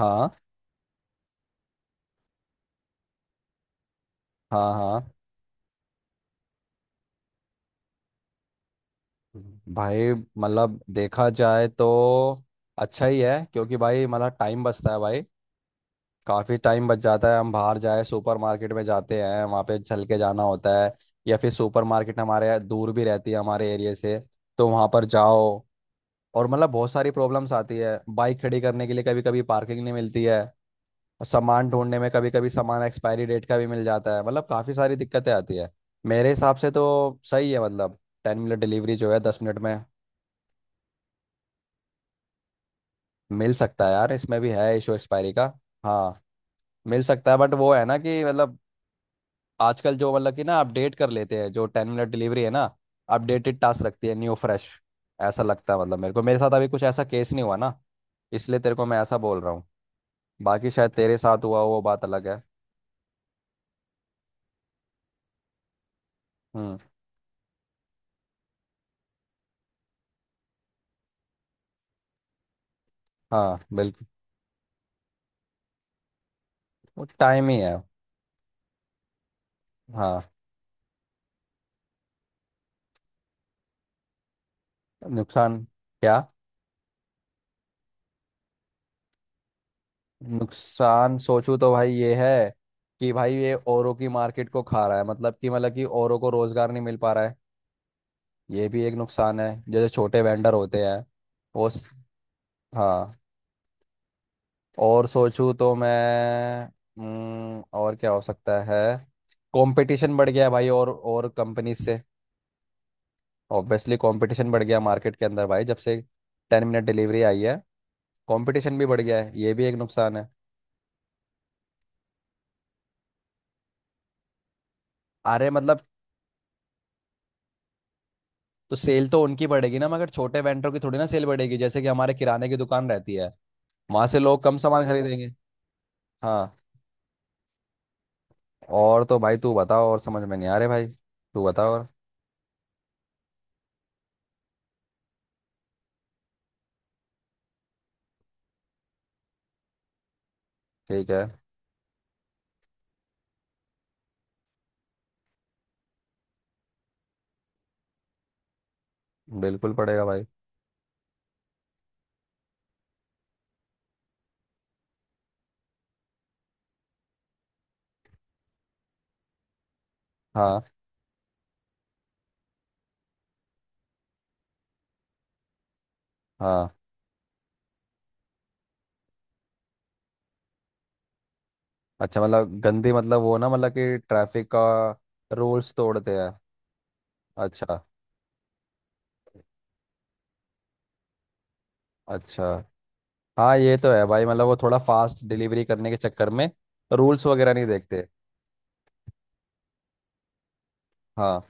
हाँ, हाँ, हाँ। भाई मतलब देखा जाए तो अच्छा ही है क्योंकि भाई मतलब टाइम बचता है भाई। काफ़ी टाइम बच जाता है। हम बाहर जाए सुपरमार्केट में जाते हैं वहाँ पे चल के जाना होता है या फिर सुपरमार्केट हमारे दूर भी रहती है हमारे एरिया से तो वहाँ पर जाओ और मतलब बहुत सारी प्रॉब्लम्स आती है। बाइक खड़ी करने के लिए कभी कभी पार्किंग नहीं मिलती है। सामान ढूंढने में कभी कभी सामान एक्सपायरी डेट का भी मिल जाता है मतलब काफ़ी सारी दिक्कतें आती है। मेरे हिसाब से तो सही है मतलब। 10 मिनट डिलीवरी जो है 10 मिनट में मिल सकता है यार, इसमें भी है इशू एक्सपायरी का। हाँ, मिल सकता है बट वो है ना कि मतलब आजकल जो मतलब कि ना अपडेट कर लेते हैं, जो 10 मिनट डिलीवरी है ना अपडेटेड टास्क रखती है, न्यू फ्रेश। ऐसा लगता है मतलब, मेरे को मेरे साथ अभी कुछ ऐसा केस नहीं हुआ ना, इसलिए तेरे को मैं ऐसा बोल रहा हूँ। बाकी शायद तेरे साथ हुआ हो, वो बात अलग है। हम्म। हाँ, बिल्कुल। वो टाइम ही है। हाँ। नुकसान। क्या। नुकसान सोचूं तो भाई ये है कि भाई ये औरों की मार्केट को खा रहा है, मतलब कि औरों को रोजगार नहीं मिल पा रहा है। ये भी एक नुकसान है, जैसे छोटे वेंडर होते हैं। वो स- हाँ। और सोचूं तो मैं। और क्या हो सकता है। कंपटीशन बढ़ गया है भाई, और कंपनीज से। ऑब्वियसली कंपटीशन बढ़ गया मार्केट के अंदर भाई, जब से 10 मिनट डिलीवरी आई है कंपटीशन भी बढ़ गया है, ये भी एक नुकसान है। अरे मतलब तो सेल तो उनकी बढ़ेगी ना, मगर छोटे वेंडर की थोड़ी ना सेल बढ़ेगी, जैसे कि हमारे किराने की दुकान रहती है, वहां से लोग कम सामान खरीदेंगे। हाँ। और तो भाई तू बताओ और, समझ में नहीं आ रहे भाई, तू बताओ और। ठीक है। बिल्कुल पड़ेगा भाई। हाँ, हाँ। अच्छा, मतलब गंदी मतलब वो ना, मतलब कि ट्रैफिक का रूल्स तोड़ते हैं। अच्छा। अच्छा, हाँ ये तो है भाई, मतलब वो थोड़ा फास्ट डिलीवरी करने के चक्कर में रूल्स वगैरह नहीं देखते। हाँ।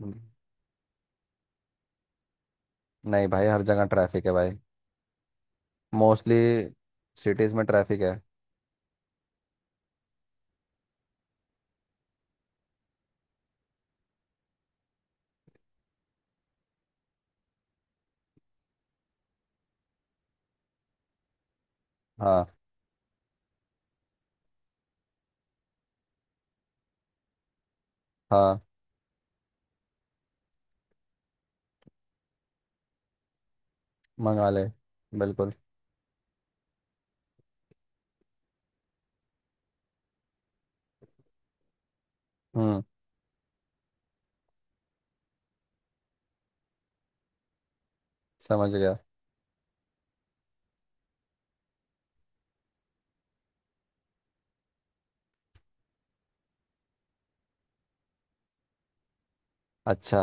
हम्म, नहीं भाई, हर जगह ट्रैफिक है भाई। मोस्टली सिटीज़ में ट्रैफिक है। हाँ। हाँ। मंगा ले, बिल्कुल। हम्म। समझ गया। अच्छा,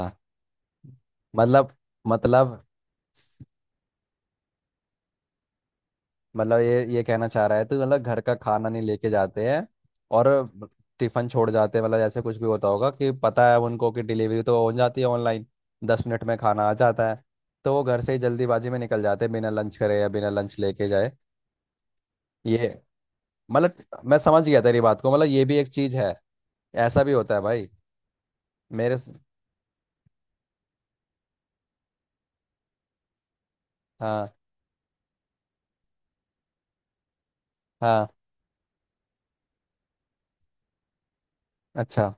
मतलब मतलब मतलब ये कहना चाह रहा है तो, मतलब घर का खाना नहीं लेके जाते हैं और टिफिन छोड़ जाते हैं, मतलब जैसे कुछ भी होता होगा कि पता है उनको कि डिलीवरी तो हो जाती है ऑनलाइन, 10 मिनट में खाना आ जाता है, तो वो घर से ही जल्दीबाजी में निकल जाते हैं बिना लंच करे या बिना लंच लेके जाए। ये मतलब मैं समझ गया तेरी बात को, मतलब ये भी एक चीज़ है। ऐसा भी होता है भाई। मेरे स- हाँ। हाँ। अच्छा,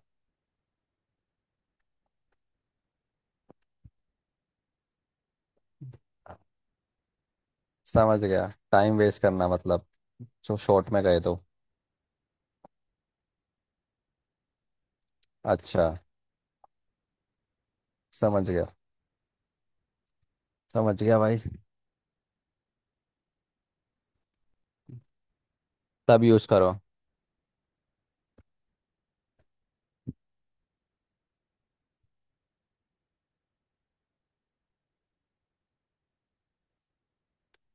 समझ गया। टाइम वेस्ट करना मतलब, जो शॉर्ट में गए तो। अच्छा। समझ गया। समझ गया भाई। तब यूज़ करो।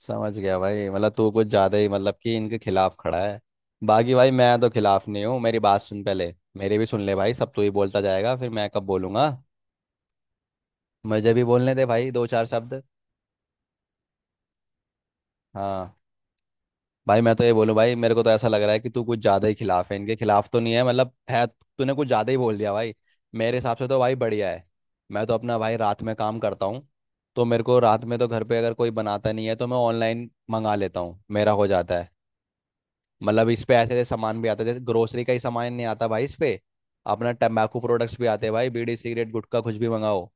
समझ गया भाई, मतलब तू कुछ ज़्यादा ही, मतलब कि इनके खिलाफ खड़ा है। बाकी भाई मैं तो खिलाफ नहीं हूँ। मेरी बात सुन पहले, मेरी भी सुन ले भाई, सब तू ही बोलता जाएगा फिर मैं कब बोलूँगा। मुझे भी बोलने दे भाई, दो चार शब्द। हाँ। भाई मैं तो ये बोलूं भाई, मेरे को तो ऐसा लग रहा है कि तू कुछ ज्यादा ही खिलाफ है, इनके खिलाफ तो नहीं है मतलब, है तूने कुछ ज्यादा ही बोल दिया भाई। मेरे हिसाब से तो भाई बढ़िया है। मैं तो अपना भाई रात में काम करता हूँ, तो मेरे को रात में तो घर पे अगर कोई बनाता नहीं है तो मैं ऑनलाइन मंगा लेता हूँ, मेरा हो जाता है। मतलब इस पे ऐसे ऐसे सामान भी आता है, जैसे ग्रोसरी का ही सामान नहीं आता भाई इस पे। अपना टम्बाकू प्रोडक्ट्स भी आते हैं भाई, बीड़ी, सिगरेट, गुटखा, कुछ भी मंगाओ,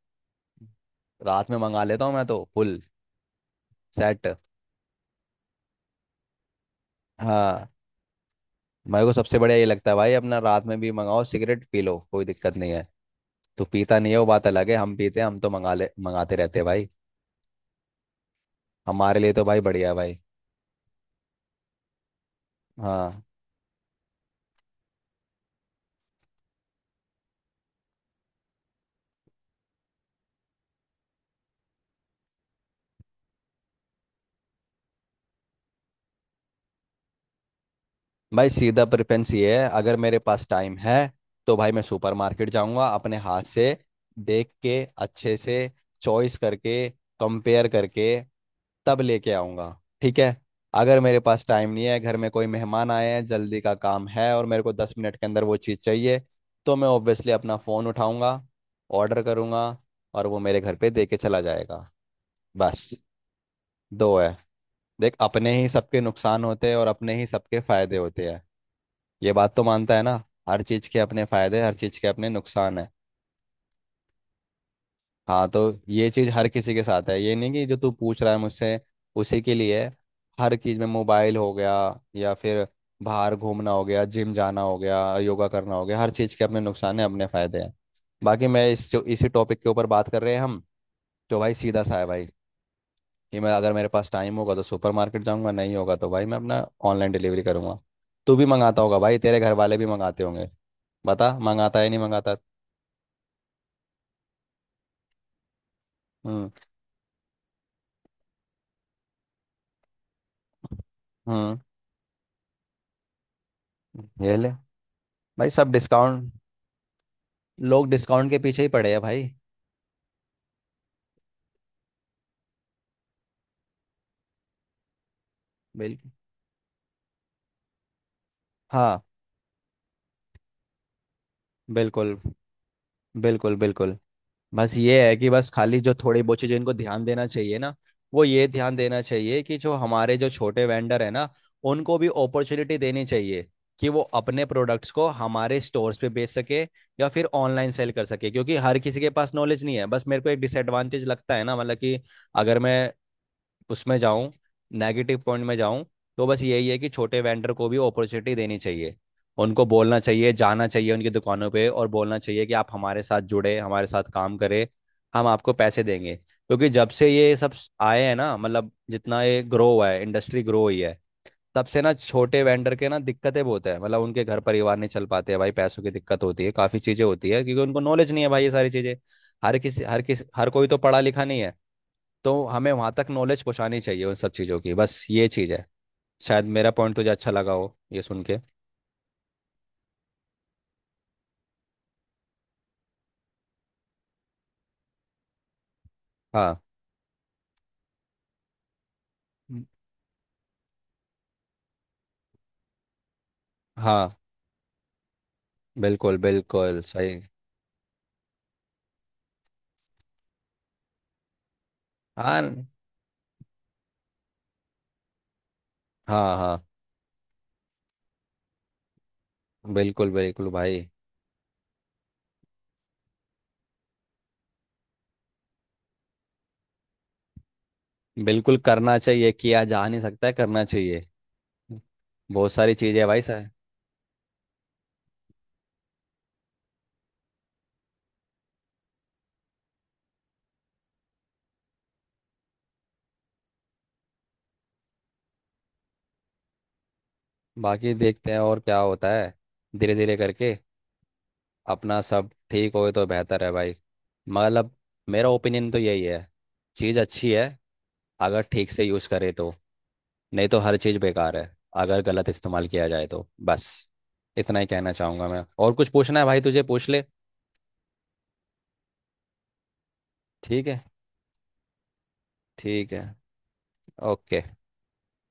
रात में मंगा लेता हूँ मैं, तो फुल सेट। हाँ। मेरे को सबसे बढ़िया ये लगता है भाई, अपना रात में भी मंगाओ, सिगरेट पी लो, कोई दिक्कत नहीं है। तू पीता नहीं है वो बात अलग है, हम पीते हैं, हम तो मंगाते रहते हैं भाई। हमारे लिए तो भाई बढ़िया है भाई। हाँ। भाई सीधा प्रेफरेंस ये है, अगर मेरे पास टाइम है तो भाई मैं सुपरमार्केट जाऊंगा, अपने हाथ से देख के, अच्छे से चॉइस करके, कंपेयर करके, तब लेके आऊंगा। ठीक है। अगर मेरे पास टाइम नहीं है, घर में कोई मेहमान आए हैं, जल्दी का काम है और मेरे को 10 मिनट के अंदर वो चीज़ चाहिए, तो मैं ऑब्वियसली अपना फ़ोन उठाऊंगा, ऑर्डर करूंगा और वो मेरे घर पे दे के चला जाएगा, बस। दो है। देख, अपने ही सबके नुकसान होते हैं और अपने ही सबके फायदे होते हैं। ये बात तो मानता है ना। हर चीज के अपने फायदे, हर चीज के अपने नुकसान है। हाँ, तो ये चीज हर किसी के साथ है, ये नहीं कि जो तू पूछ रहा है मुझसे उसी के लिए है। हर चीज में, मोबाइल हो गया या फिर बाहर घूमना हो गया, जिम जाना हो गया, योगा करना हो गया, हर चीज के अपने नुकसान है अपने फायदे हैं। बाकी मैं इस जो इसी टॉपिक के ऊपर बात कर रहे हैं हम, तो भाई सीधा सा है भाई, कि मैं अगर मेरे पास टाइम होगा तो सुपरमार्केट जाऊंगा, नहीं होगा तो भाई मैं अपना ऑनलाइन डिलीवरी करूंगा। तू भी मंगाता होगा भाई, तेरे घर वाले भी मंगाते होंगे, बता मंगाता है नहीं मंगाता। हम्म। हम्म। ये ले, भाई सब डिस्काउंट, लोग डिस्काउंट के पीछे ही पड़े हैं भाई। बिल्कुल। हाँ। बिल्कुल, बिल्कुल। बिल्कुल। बस ये है कि बस खाली जो थोड़ी बहुत चीजें इनको ध्यान देना चाहिए ना, वो ये ध्यान देना चाहिए कि जो छोटे वेंडर है ना, उनको भी अपॉर्चुनिटी देनी चाहिए कि वो अपने प्रोडक्ट्स को हमारे स्टोर्स पे बेच सके या फिर ऑनलाइन सेल कर सके, क्योंकि हर किसी के पास नॉलेज नहीं है। बस मेरे को एक डिसएडवांटेज लगता है ना, मतलब कि अगर मैं उसमें जाऊं, नेगेटिव पॉइंट में जाऊं, तो बस यही है कि छोटे वेंडर को भी अपॉर्चुनिटी देनी चाहिए। उनको बोलना चाहिए, जाना चाहिए उनकी दुकानों पे और बोलना चाहिए कि आप हमारे साथ जुड़े, हमारे साथ काम करें, हम आपको पैसे देंगे, क्योंकि जब से ये सब आए हैं ना, मतलब जितना ये ग्रो हुआ है, इंडस्ट्री ग्रो हुई है, तब से ना छोटे वेंडर के ना दिक्कतें बहुत है, मतलब उनके घर परिवार नहीं चल पाते हैं भाई, पैसों की दिक्कत होती है, काफ़ी चीज़ें होती है, क्योंकि उनको नॉलेज नहीं है भाई ये सारी चीज़ें। हर किसी हर किस हर कोई तो पढ़ा लिखा नहीं है, तो हमें वहां तक नॉलेज पहुंचानी चाहिए उन सब चीजों की, बस ये चीज है। शायद मेरा पॉइंट तुझे अच्छा लगा हो ये सुन के। हाँ, हम्म। हाँ, बिल्कुल बिल्कुल सही। हाँ, हाँ। हाँ, बिल्कुल बिल्कुल भाई। बिल्कुल करना चाहिए, किया जा नहीं सकता है, करना चाहिए। बहुत सारी चीजें हैं भाई सर। बाकी देखते हैं और क्या होता है, धीरे धीरे करके अपना सब ठीक होए तो बेहतर है भाई। मतलब मेरा ओपिनियन तो यही है। चीज़ अच्छी है अगर ठीक से यूज़ करे तो, नहीं तो हर चीज़ बेकार है अगर गलत इस्तेमाल किया जाए तो। बस इतना ही कहना चाहूँगा मैं, और कुछ पूछना है भाई तुझे, पूछ ले। ठीक है। ठीक है। ओके।